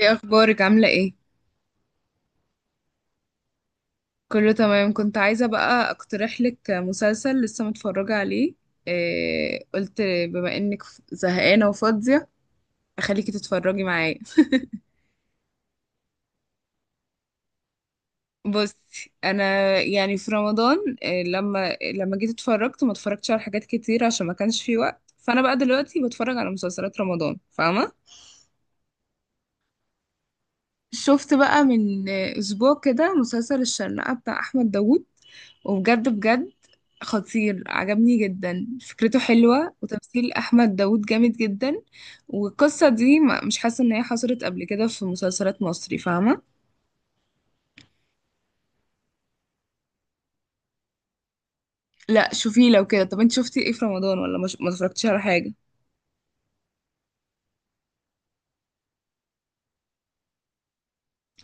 ايه اخبارك، عامله ايه؟ كله تمام. كنت عايزه بقى اقترح لك مسلسل لسه متفرجه عليه. إيه، قلت بما انك زهقانه وفاضيه، اخليكي تتفرجي معايا. بصي انا، يعني في رمضان، إيه، لما جيت اتفرجت ما اتفرجتش على حاجات كتير عشان ما كانش في وقت، فانا بقى دلوقتي بتفرج على مسلسلات رمضان، فاهمه؟ شفت بقى من اسبوع كده مسلسل الشرنقة بتاع احمد داوود، وبجد بجد خطير، عجبني جدا، فكرته حلوة وتمثيل احمد داوود جامد جدا. والقصة دي مش حاسة ان هي حصلت قبل كده في مسلسلات مصري، فاهمة؟ لا شوفيه لو كده. طب انت شفتي ايه في رمضان ولا مش... ما اتفرجتيش على حاجة؟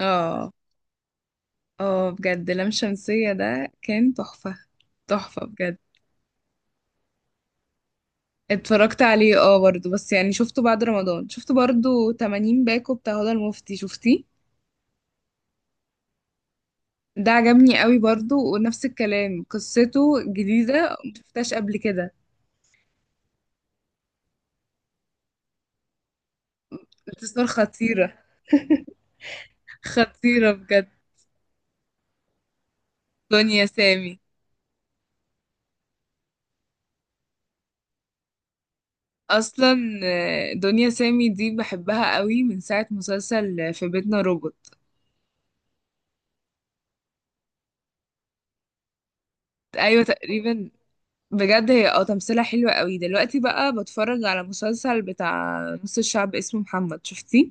اه، اه، بجد لام شمسية ده كان تحفة، تحفة بجد. اتفرجت عليه اه، برضه بس يعني شفته بعد رمضان. شفت برضه 80 باكو بتاع هدى المفتي، شفتيه؟ ده عجبني قوي برضه، ونفس الكلام، قصته جديدة مشفتهاش قبل كده. انتصار خطيرة، خطيرة بجد. دنيا سامي اصلا آه، دنيا سامي دي بحبها قوي من ساعة مسلسل في بيتنا روبوت. ايوه، تقريبا. بجد هي تمثيلها حلوة قوي. دلوقتي بقى بتفرج على مسلسل بتاع نص الشعب اسمه محمد، شفتيه؟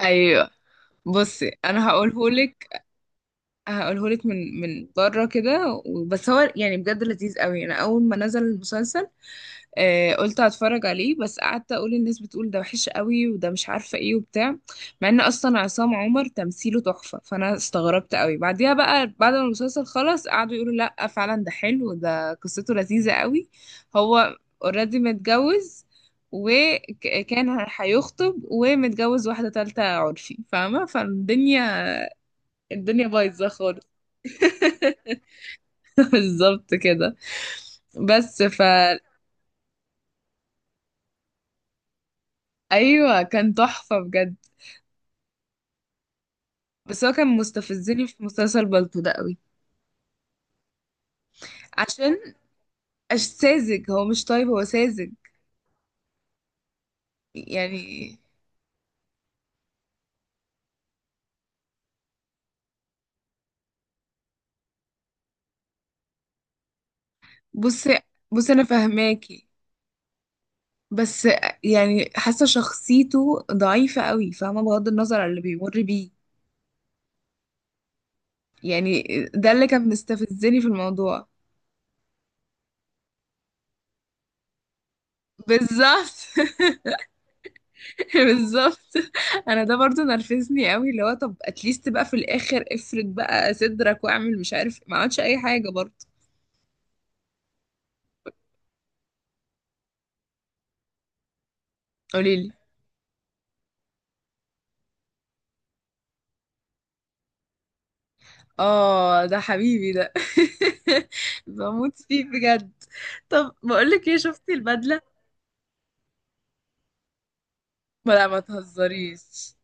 ايوه. بصي انا هقولهولك، هقولهولك من بره كده، بس هو يعني بجد لذيذ قوي. انا اول ما نزل المسلسل قلت هتفرج عليه، بس قعدت اقول الناس بتقول ده وحش قوي وده مش عارفه ايه وبتاع، مع ان اصلا عصام عمر تمثيله تحفه. فانا استغربت قوي، بعديها بقى بعد ما المسلسل خلص قعدوا يقولوا لا فعلا ده حلو، ده قصته لذيذه قوي. هو اوريدي متجوز، وكان هيخطب، ومتجوز واحدة تالتة، عرفي، فاهمة؟ فالدنيا، الدنيا بايظه خالص. بالظبط كده. بس ف، ايوه كان تحفه بجد. بس هو كان مستفزني في مسلسل بالطو ده قوي. عشان ساذج، هو مش طيب، هو ساذج. يعني بصي، بصي، انا فاهماكي، بس يعني حاسه شخصيته ضعيفه قوي، فاهمه، بغض النظر عن اللي بيمر بيه. يعني ده اللي كان مستفزني في الموضوع. بالظبط. بالظبط. انا ده برضو نرفزني قوي، اللي هو طب اتليست بقى في الاخر افرد بقى صدرك واعمل مش عارف، ما عملتش اي حاجه برضو. قوليلي، اه ده حبيبي ده. بموت فيه بجد. طب بقولك ايه، شفتي البدله؟ ما لا، ما تهزريش.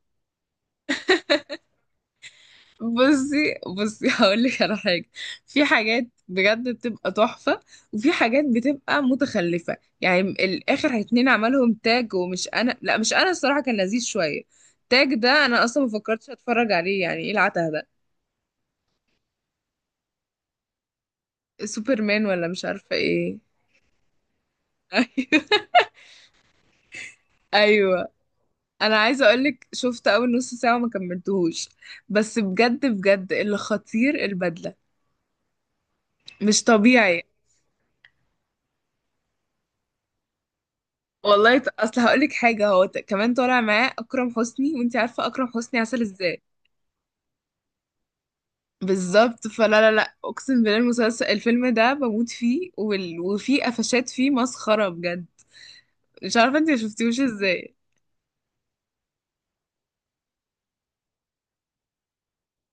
بصي، بصي، هقول لك على حاجه. في حاجات بجد بتبقى تحفه، وفي حاجات بتبقى متخلفه. يعني الاخر اتنين عملهم تاج، ومش انا، لا مش انا، الصراحه كان لذيذ شويه. تاج ده انا اصلا ما فكرتش اتفرج عليه، يعني ايه العته ده؟ سوبرمان ولا مش عارفه ايه. ايوه، ايوه انا عايزه اقولك شفت اول نص ساعه وما كملتهوش. بس بجد بجد اللي خطير البدله، مش طبيعي. والله، اصل هقول لك حاجه، هو كمان طالع معاه اكرم حسني، وانت عارفه اكرم حسني عسل ازاي. بالظبط، فلا لا لا، اقسم بالله المسلسل، الفيلم ده بموت فيه، وفيه قفشات، فيه مسخره بجد. مش عارفه انت ما شفتيهوش ازاي.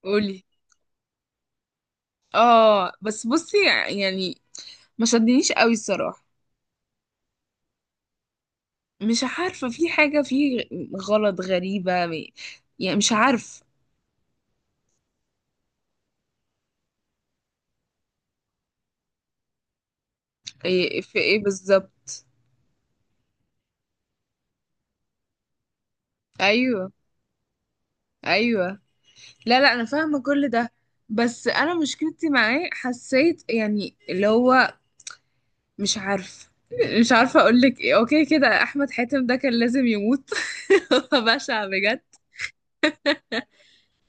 قولي، اه بس بصي، يعني ما شدنيش قوي الصراحه. مش عارفه، في حاجه فيه غلط غريبه يعني مش عارف. إيه، في ايه بالظبط؟ ايوه، ايوه. لا، لا، انا فاهمه كل ده. بس انا مشكلتي معاه، حسيت يعني اللي هو مش عارف، مش عارفه اقول لك ايه. اوكي كده، احمد حاتم ده كان لازم يموت. هو بشع بجد.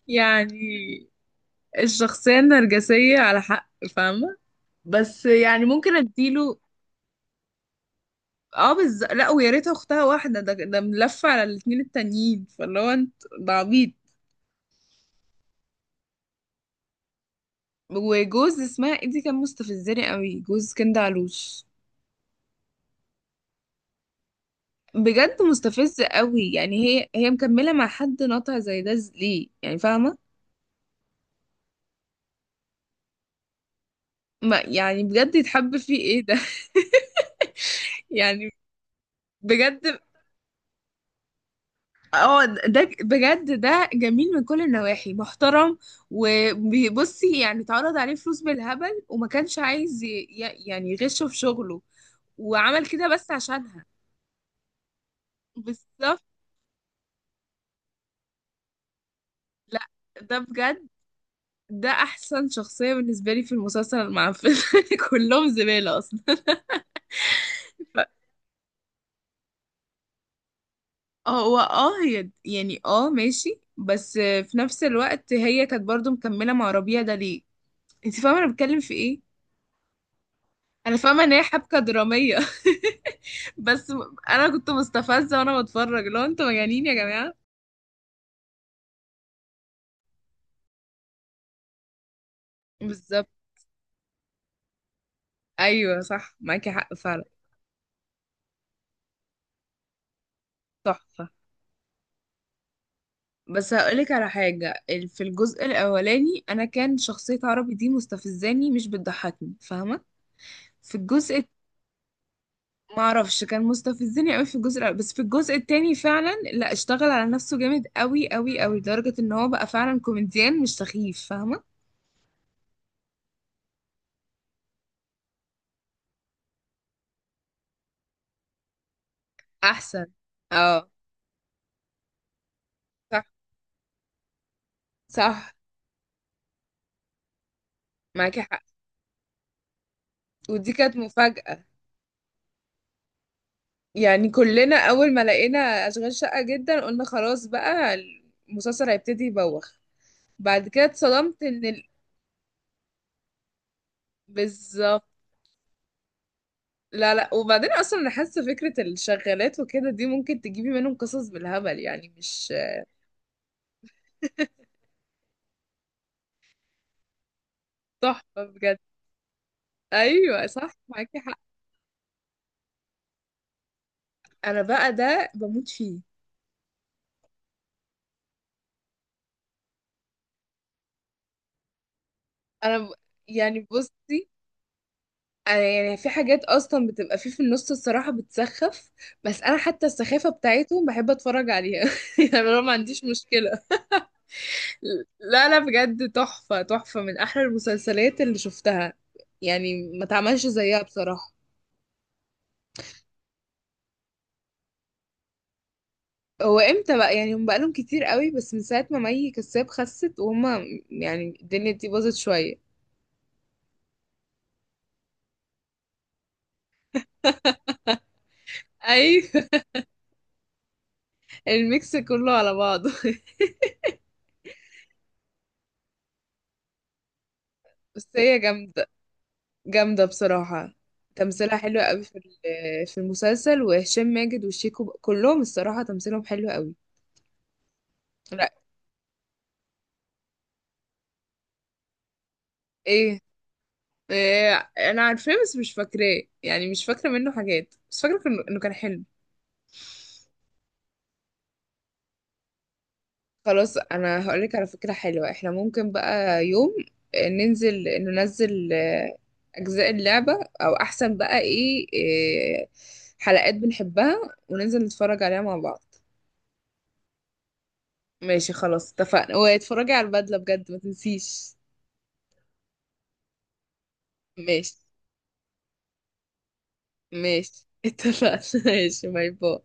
يعني الشخصيه النرجسيه على حق، فاهمه؟ بس يعني ممكن اديله. اه لا، ويا ريت اختها واحده، ده ملف على الاتنين التانيين، فاللي هو انت، ده عبيط. وجوز اسمها ايه دي كان مستفزني قوي، جوز كندا علوش. بجد مستفزة قوي، يعني هي هي مكملة مع حد ناطع زي ده ليه يعني، فاهمة؟ ما يعني بجد يتحب فيه ايه ده؟ يعني بجد، اه ده بجد، ده جميل من كل النواحي، محترم. وبصي يعني، اتعرض عليه فلوس بالهبل وما كانش عايز يعني يغشه في شغله، وعمل كده بس عشانها. بالظبط. لا، ده بجد، ده احسن شخصية بالنسبة لي في المسلسل المعفن. كلهم زبالة اصلا. اه، هو هي يعني ماشي، بس في نفس الوقت هي كانت برضو مكملة مع ربيع ده ليه؟ انت فاهمة انا بتكلم في ايه؟ انا فاهمة ان هي حبكة درامية. بس انا كنت مستفزة وانا بتفرج، لو انتوا مجانين يا جماعة. بالظبط. ايوه، صح، معاكي حق فعلا. تحفة. بس هقولك على حاجة، في الجزء الأولاني أنا كان شخصية عربي دي مستفزاني، مش بتضحكني، فاهمة؟ في الجزء، ما اعرفش كان مستفزني قوي في الجزء الاول، بس في الجزء التاني فعلا، لا، اشتغل على نفسه جامد قوي قوي قوي، لدرجة ان هو بقى فعلا كوميديان مش سخيف، فاهمة؟ احسن. اه، صح صح، معاكي حق. ودي كانت مفاجأة. يعني كلنا اول ما لقينا اشغال شقة جدا قلنا خلاص بقى، المسلسل هيبتدي يبوخ. بعد كده اتصدمت ان بالظبط. لا، لا، وبعدين اصلا انا حاسه فكره الشغالات وكده دي ممكن تجيبي منهم قصص بالهبل، يعني مش. تحفه بجد. ايوه، صح، معاكي حق. انا بقى ده بموت فيه. انا ب... يعني بصي، أنا يعني في حاجات اصلا بتبقى فيه في النص الصراحه بتسخف، بس انا حتى السخافه بتاعتهم بحب اتفرج عليها. يعني انا ما عنديش مشكله. لا، لا، بجد تحفه تحفه، من احلى المسلسلات اللي شفتها، يعني ما تعملش زيها بصراحه. هو امتى بقى؟ يعني هم بقالهم كتير قوي، بس من ساعه ما مي كساب خست وهم، يعني الدنيا دي باظت شويه. ايوه. الميكس كله على بعضه. بس هي جامدة، جامدة بصراحة. تمثيلها حلو قوي في المسلسل، وهشام ماجد وشيكو كلهم الصراحة تمثيلهم حلو قوي. لا ايه, إيه انا عارفاه بس مش فاكراه، يعني مش فاكرة منه حاجات، بس فاكرة انه كان حلو. خلاص، انا هقولك على فكرة حلوة. احنا ممكن بقى يوم ننزل اجزاء اللعبة، او احسن بقى ايه, إيه حلقات بنحبها، وننزل نتفرج عليها مع بعض. ماشي، خلاص اتفقنا. واتفرجي على البدلة بجد، ما تنسيش. ماشي، ماشي، اتفقنا. ماشي، باي باي.